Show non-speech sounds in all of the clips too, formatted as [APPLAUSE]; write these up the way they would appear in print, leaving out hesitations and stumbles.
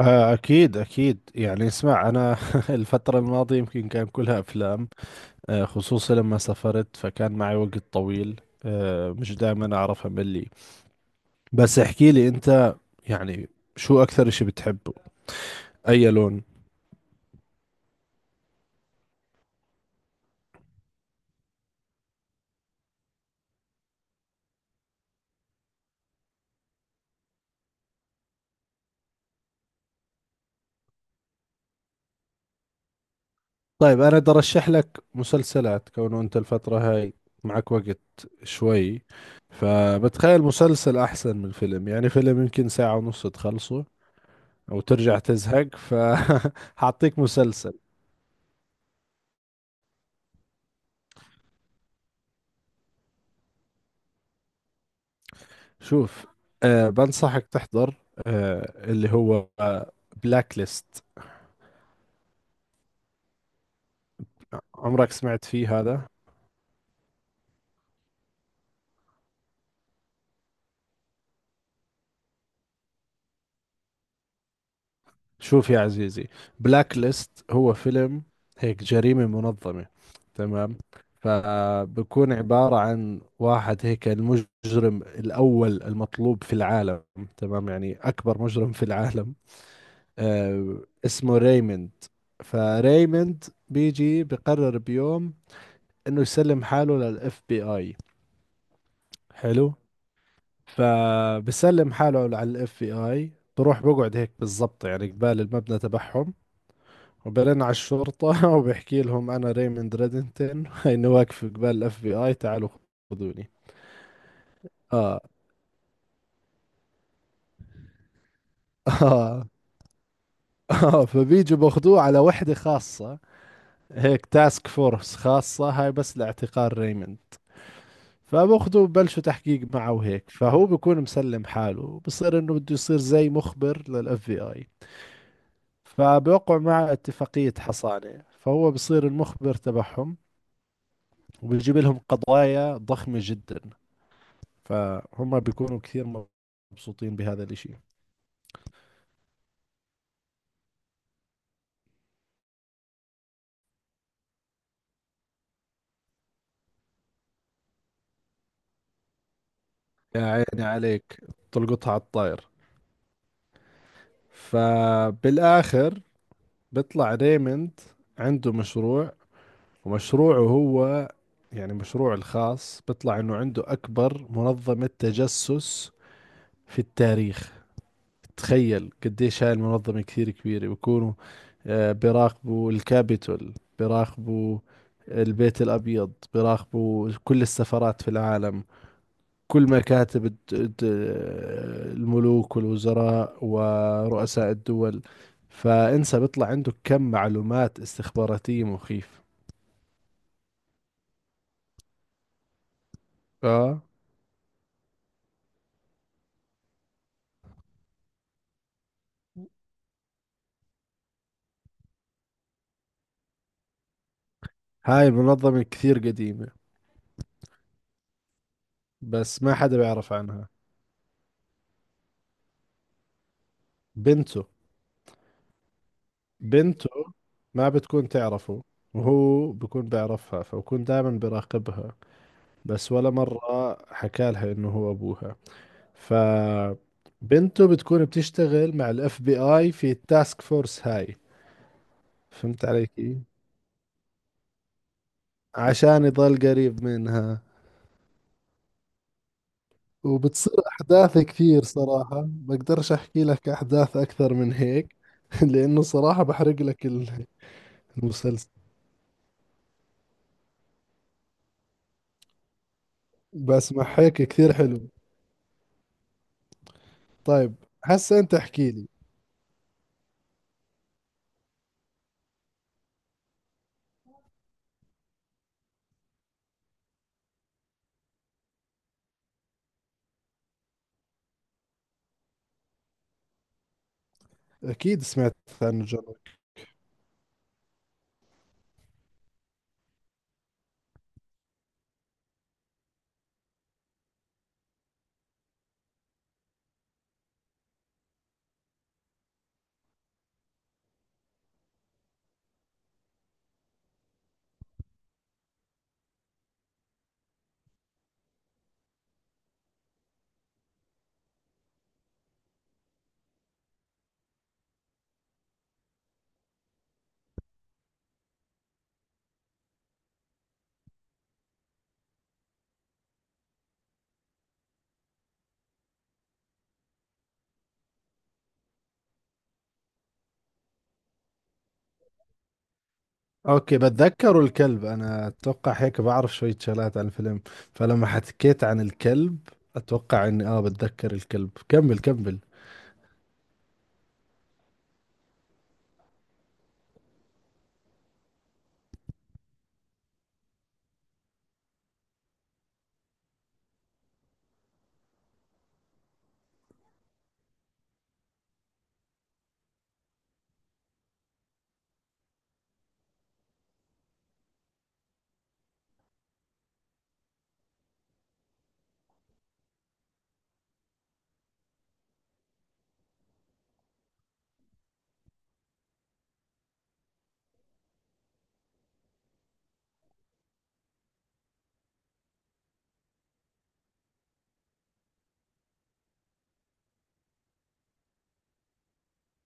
آه، أكيد أكيد، يعني اسمع، أنا [LAUGHS] الفترة الماضية يمكن كان كلها أفلام. خصوصا لما سافرت فكان معي وقت طويل. مش دائما أعرف أملي. بس احكي لي أنت، يعني شو أكثر إشي بتحبه؟ أي لون؟ طيب، أنا بدي أرشح لك مسلسلات كونه أنت الفترة هاي معك وقت شوي. فبتخيل مسلسل أحسن من فيلم، يعني فيلم يمكن ساعة ونص تخلصه أو ترجع تزهق، فحاعطيك [LAUGHS] مسلسل. شوف، بنصحك تحضر، اللي هو بلاك ليست. عمرك سمعت فيه هذا؟ شوف يا عزيزي، بلاك ليست هو فيلم هيك جريمة منظمة، تمام؟ فبكون عبارة عن واحد هيك المجرم الأول المطلوب في العالم، تمام، يعني أكبر مجرم في العالم. اسمه ريموند. فريموند بيجي بقرر بيوم إنه يسلم حاله للإف بي آي. حلو. فبسلم حاله على الاف بي اي، بروح بقعد هيك بالضبط يعني قبال المبنى تبعهم، وبرن على الشرطة [LAUGHS] وبحكي لهم أنا ريموند ريدنتن [LAUGHS] إني واقف قبال الاف بي اي، تعالوا خذوني. آه آه فبيجوا باخذوه على وحدة خاصة، هيك تاسك فورس خاصة هاي بس لاعتقال ريموند. فباخذوا ببلشوا تحقيق معه، وهيك فهو بيكون مسلم حاله بصير انه بده يصير زي مخبر للاف بي اي. فبوقعوا مع اتفاقية حصانة، فهو بصير المخبر تبعهم، وبيجيب لهم قضايا ضخمة جدا. فهم بيكونوا كثير مبسوطين بهذا الاشي. يا عيني عليك، تلقطها على الطاير. فبالآخر بيطلع ريموند عنده مشروع، ومشروعه هو، يعني مشروعه الخاص بيطلع انه عنده أكبر منظمة تجسس في التاريخ. تخيل قديش هاي المنظمة كثير كبيرة، بيكونوا بيراقبوا الكابيتول، بيراقبوا البيت الأبيض، بيراقبوا كل السفارات في العالم، كل مكاتب الملوك والوزراء ورؤساء الدول. فانسى بيطلع عنده كم معلومات استخباراتية مخيف. اه هاي المنظمة كثير قديمة بس ما حدا بيعرف عنها. بنته. بنته ما بتكون تعرفه، وهو بكون بيعرفها فبكون دائما بيراقبها، بس ولا مرة حكى لها انه هو ابوها. ف بنته بتكون بتشتغل مع الاف بي اي في التاسك فورس هاي. فهمت علي كيف؟ عشان يضل قريب منها. وبتصير احداث كثير، صراحة بقدرش احكي لك احداث اكثر من هيك [LAUGHS] لانه صراحة بحرق لك المسلسل. بس مع هيك كثير حلو. طيب، هسا انت احكي لي. اكيد سمعت عن جون ويك. اوكي بتذكر الكلب، انا اتوقع هيك بعرف شوية شغلات عن الفيلم. فلما حكيت عن الكلب اتوقع اني بتذكر الكلب. كمل كمل.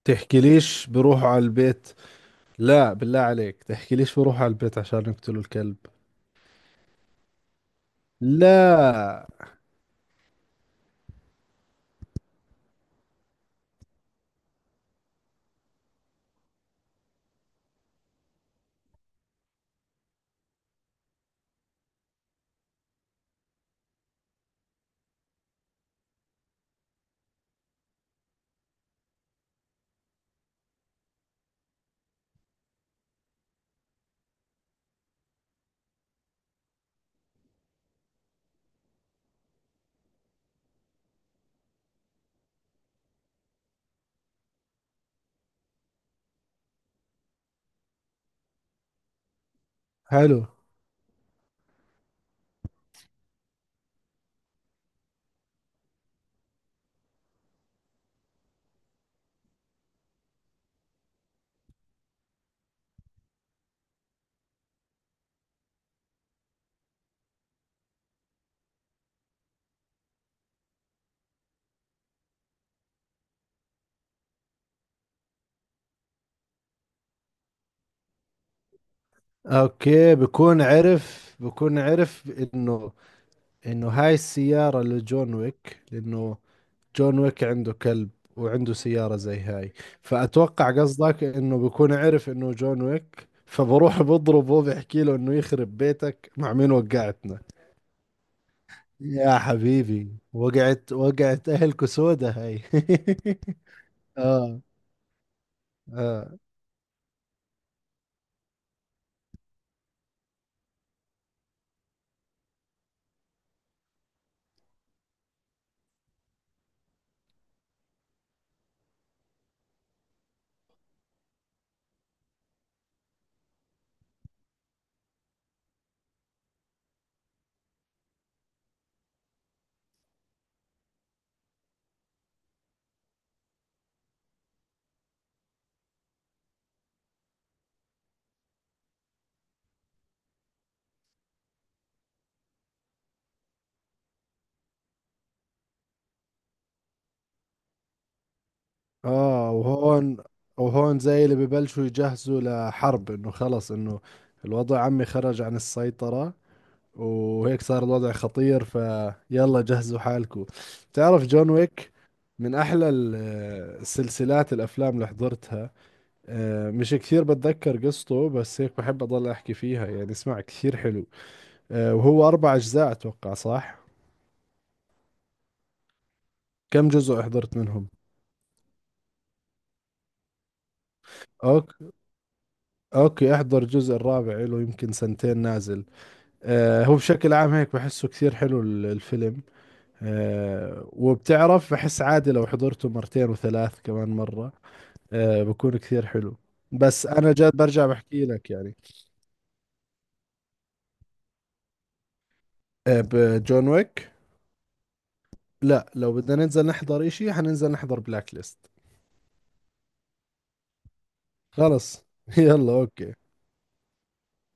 تحكي ليش بروحوا على البيت؟ لا بالله عليك، تحكي ليش بروحوا على البيت عشان يقتلوا الكلب؟ لا. حلو. اوكي، بكون عرف انه هاي السيارة لجون ويك، لانه جون ويك عنده كلب وعنده سيارة زي هاي. فأتوقع قصدك إنه بكون عرف إنه جون ويك، فبروح بضربه بحكي له إنه يخرب بيتك، مع مين وقعتنا. يا حبيبي، وقعت وقعت، أهلكو سودة هاي. [LAUGHS] آه. آه، آه، وهون، وهون زي اللي ببلشوا يجهزوا لحرب، إنه خلص إنه الوضع عمي خرج عن السيطرة، وهيك صار الوضع خطير، فيلا جهزوا حالكم. تعرف جون ويك من احلى السلسلات الافلام اللي حضرتها. مش كثير بتذكر قصته بس هيك بحب اضل احكي فيها، يعني اسمع كثير حلو. وهو 4 اجزاء اتوقع، صح؟ كم جزء حضرت منهم؟ اوكي اوكي، احضر الجزء الرابع، له يمكن سنتين نازل. هو بشكل عام هيك بحسه كثير حلو الفيلم. وبتعرف بحس عادي لو حضرته مرتين وثلاث كمان مرة بكون كثير حلو. بس انا جد برجع بحكي لك يعني. بجون ويك. لا لو بدنا ننزل نحضر اشي حننزل نحضر بلاك ليست. خلص [LAUGHS] يلا اوكي